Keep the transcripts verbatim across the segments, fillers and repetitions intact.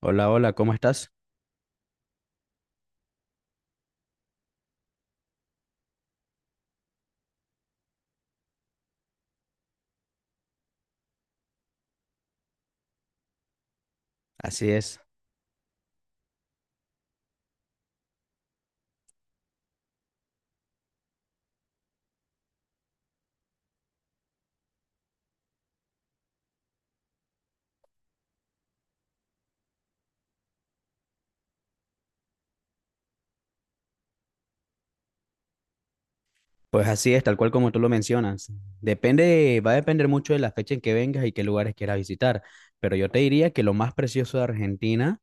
Hola, hola, ¿cómo estás? Así es. Pues así es, tal cual como tú lo mencionas. Depende, va a depender mucho de la fecha en que vengas y qué lugares quieras visitar, pero yo te diría que lo más precioso de Argentina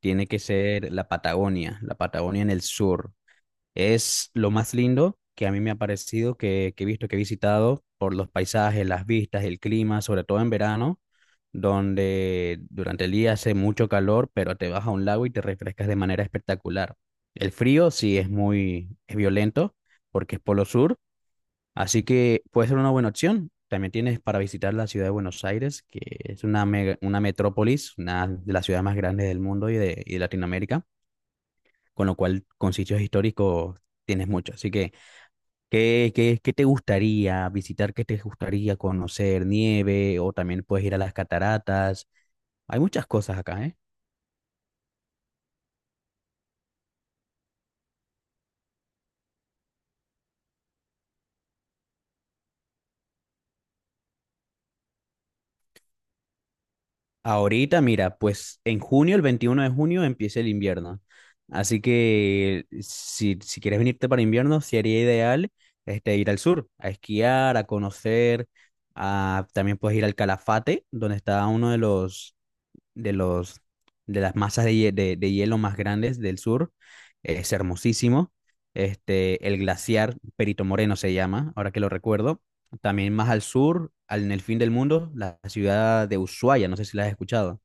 tiene que ser la Patagonia, la Patagonia en el sur. Es lo más lindo que a mí me ha parecido, que, que he visto, que he visitado por los paisajes, las vistas, el clima, sobre todo en verano, donde durante el día hace mucho calor, pero te vas a un lago y te refrescas de manera espectacular. El frío sí es muy es violento porque es polo sur, así que puede ser una buena opción. También tienes para visitar la ciudad de Buenos Aires, que es una, mega- una metrópolis, una de las ciudades más grandes del mundo y de, y de Latinoamérica, con lo cual con sitios históricos tienes mucho. Así que ¿Qué, qué, qué te gustaría visitar? ¿Qué te gustaría conocer? Nieve o también puedes ir a las cataratas. Hay muchas cosas acá, ¿eh? Ahorita, mira, pues en junio, el veintiuno de junio, empieza el invierno. Así que si, si quieres venirte para invierno, sería ideal este, ir al sur, a esquiar, a conocer. A- también puedes ir al Calafate, donde está uno de los de los, de las masas de, hie- de- de hielo más grandes del sur. Es hermosísimo. Este, el glaciar Perito Moreno se llama, ahora que lo recuerdo. También más al sur, al, en el fin del mundo, la ciudad de Ushuaia, no sé si la has escuchado.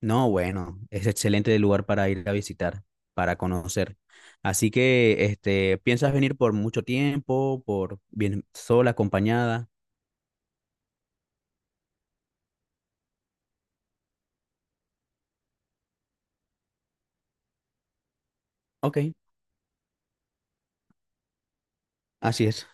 No, bueno, es excelente lugar para ir a visitar, para conocer. Así que, este, ¿piensas venir por mucho tiempo, por bien sola, acompañada? Ok, así es.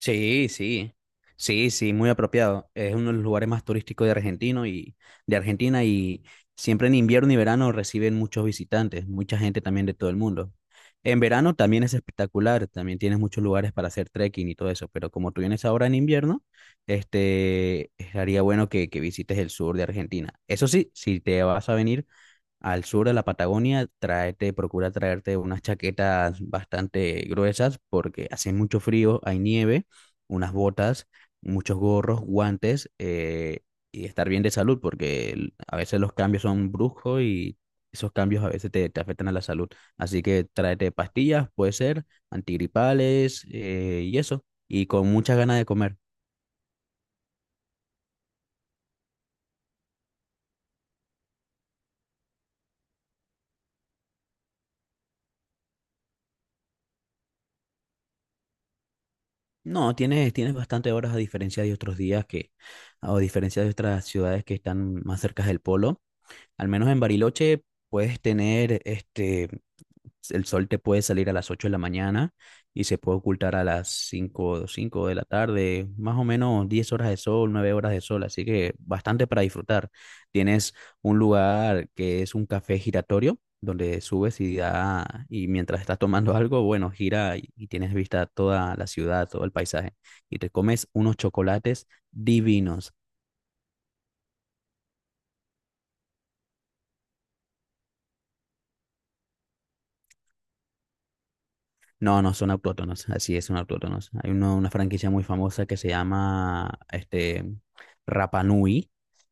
Sí, sí, sí, sí, muy apropiado. Es uno de los lugares más turísticos de Argentino y de Argentina y siempre en invierno y verano reciben muchos visitantes, mucha gente también de todo el mundo. En verano también es espectacular, también tienes muchos lugares para hacer trekking y todo eso, pero como tú vienes ahora en invierno, este, estaría bueno que, que visites el sur de Argentina. Eso sí, si te vas a venir al sur de la Patagonia, tráete, procura traerte unas chaquetas bastante gruesas porque hace mucho frío, hay nieve, unas botas, muchos gorros, guantes eh, y estar bien de salud porque el- a veces los cambios son bruscos y esos cambios a veces te, te afectan a la salud. Así que tráete pastillas, puede ser, antigripales eh, y eso, y con muchas ganas de comer. No, tienes, tienes bastante horas a diferencia de otros días que, o a diferencia de otras ciudades que están más cerca del polo. Al menos en Bariloche puedes tener este, el sol te puede salir a las ocho de la mañana y se puede ocultar a las 5, cinco de la tarde, más o menos diez horas de sol, nueve horas de sol, así que bastante para disfrutar. Tienes un lugar que es un café giratorio, donde subes y, da, y mientras estás tomando algo, bueno, gira y, y tienes vista toda la ciudad, todo el paisaje, y te comes unos chocolates divinos. No, no, son autóctonos, así es, son autóctonos. Hay uno- una franquicia muy famosa que se llama este, Rapa Nui.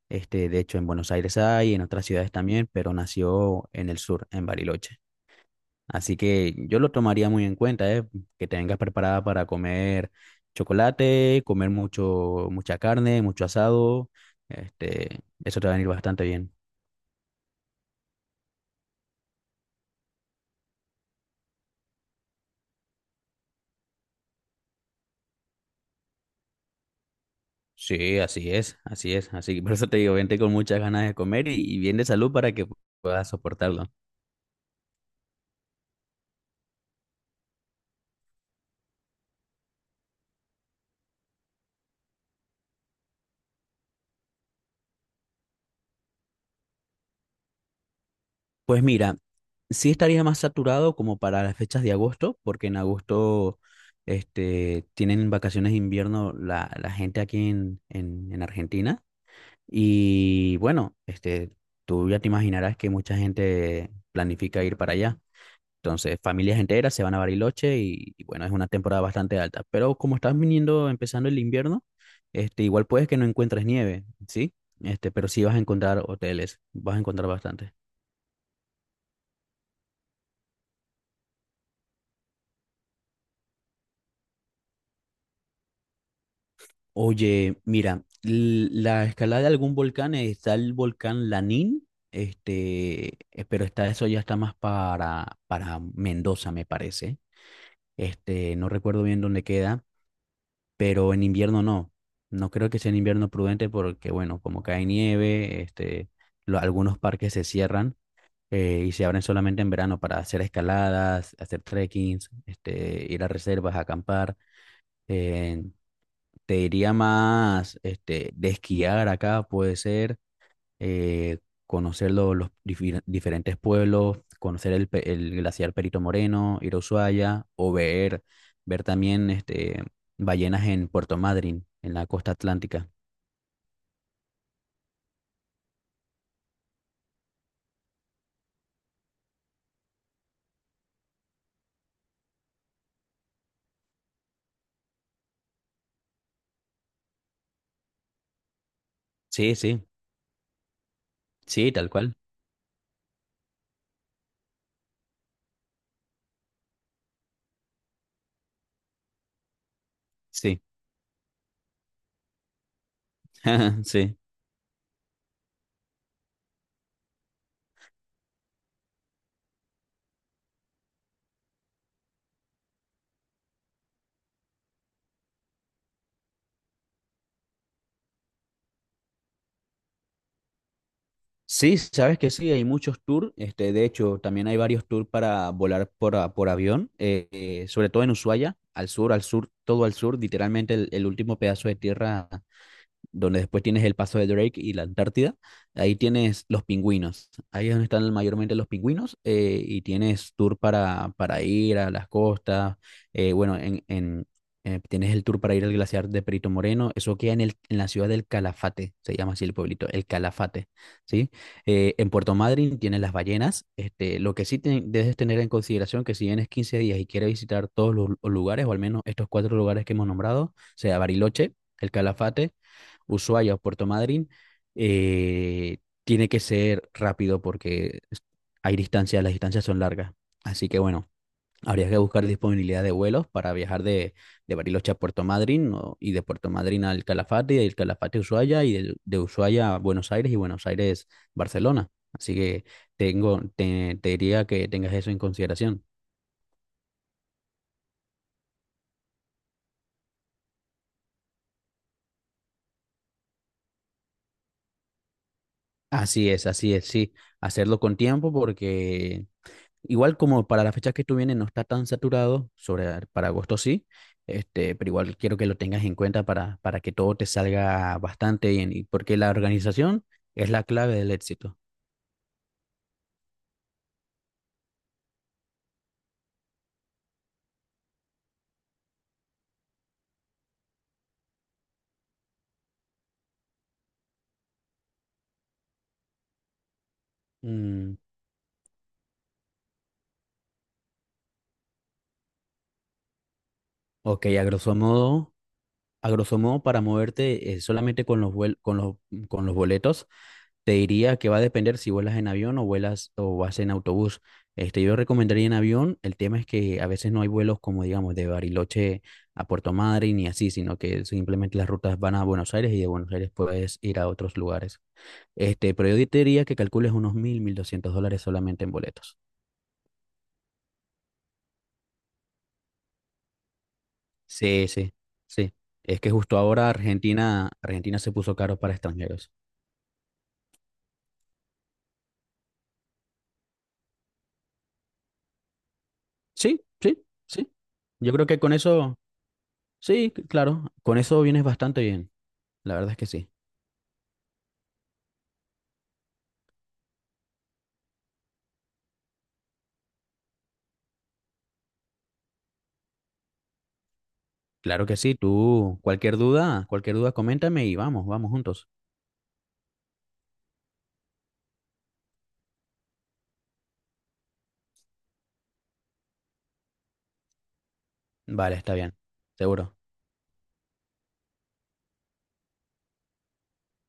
Este, de hecho, en Buenos Aires hay, en otras ciudades también, pero nació en el sur, en Bariloche. Así que yo lo tomaría muy en cuenta, ¿eh? Que te vengas preparada para comer chocolate, comer mucho, mucha carne, mucho asado. Este, eso te va a venir bastante bien. Sí, así es, así es. Así que por eso te digo, vente con muchas ganas de comer y, y bien de salud para que puedas soportarlo. Pues mira, sí estaría más saturado como para las fechas de agosto, porque en agosto este, tienen vacaciones de invierno la, la gente aquí en, en, en Argentina. Y bueno, este, tú ya te imaginarás que mucha gente planifica ir para allá. Entonces, familias enteras se van a Bariloche y, y bueno, es una temporada bastante alta. Pero como estás viniendo, empezando el invierno, este, igual puedes que no encuentres nieve, ¿sí? Este, pero sí vas a encontrar hoteles, vas a encontrar bastante. Oye, mira, l- la escalada de algún volcán eh, está el volcán Lanín, este, eh, pero está eso ya está más para, para Mendoza, me parece. Este, no recuerdo bien dónde queda, pero en invierno no. No creo que sea en invierno prudente porque, bueno, como cae nieve, este, lo- algunos parques se cierran eh, y se abren solamente en verano para hacer escaladas, hacer trekkings, este, ir a reservas, acampar. eh, Te diría más este, de esquiar acá, puede ser, eh, conocer lo- los difi- diferentes pueblos, conocer el, pe- el glaciar Perito Moreno, ir a Ushuaia, o ver, ver también este, ballenas en Puerto Madryn, en la costa atlántica. Sí, sí, sí, tal cual. Sí, sí. Sí, sabes que sí, hay muchos tours. Este, de hecho, también hay varios tours para volar por, a- por avión, eh, eh, sobre todo en Ushuaia, al sur, al sur, todo al sur. Literalmente el, el último pedazo de tierra donde después tienes el paso de Drake y la Antártida, ahí tienes los pingüinos, ahí es donde están mayormente los pingüinos eh, y tienes tour para, para ir a las costas, eh, bueno, en, en, eh, tienes el tour para ir al glaciar de Perito Moreno, eso queda en, el, en la ciudad del Calafate, se llama así el pueblito, el Calafate, ¿sí? Eh, en Puerto Madryn tienes las ballenas, este, lo que sí te- debes tener en consideración que si vienes quince días y quieres visitar todos los lu- lugares, o al menos estos cuatro lugares que hemos nombrado, sea Bariloche, el Calafate, Ushuaia o Puerto Madryn, eh, tiene que ser rápido porque hay distancias, las distancias son largas. Así que bueno, habría que buscar disponibilidad de vuelos para viajar de, de Bariloche a Puerto Madryn o- y de Puerto Madryn al Calafate y del Calafate a Ushuaia y del- de, Ushuaia a Buenos Aires y Buenos Aires Barcelona. Así que tengo, te, te diría que tengas eso en consideración. Así es, así es, sí. Hacerlo con tiempo porque Igual como para la fecha que tú vienes no está tan saturado, sobre, para agosto sí, este, pero igual quiero que lo tengas en cuenta para, para que todo te salga bastante bien, y porque la organización es la clave del éxito. Mm, ok, a grosso modo, a grosso modo, para moverte eh, solamente con los, vuel- con los, con los boletos, te diría que va a depender si vuelas en avión o vuelas o vas en autobús. Este, yo recomendaría en avión. El tema es que a veces no hay vuelos como, digamos, de Bariloche a Puerto Madryn ni así, sino que simplemente las rutas van a Buenos Aires y de Buenos Aires puedes ir a otros lugares. Este, pero yo te diría que calcules unos mil, mil doscientos dólares solamente en boletos. Sí, sí, sí. Es que justo ahora Argentina, Argentina se puso caro para extranjeros. Sí, sí, sí. Yo creo que con eso, sí, c- claro, con eso vienes bastante bien. La verdad es que sí. Claro que sí, tú, cualquier duda, cualquier duda, coméntame y vamos, vamos juntos. Vale, está bien, seguro.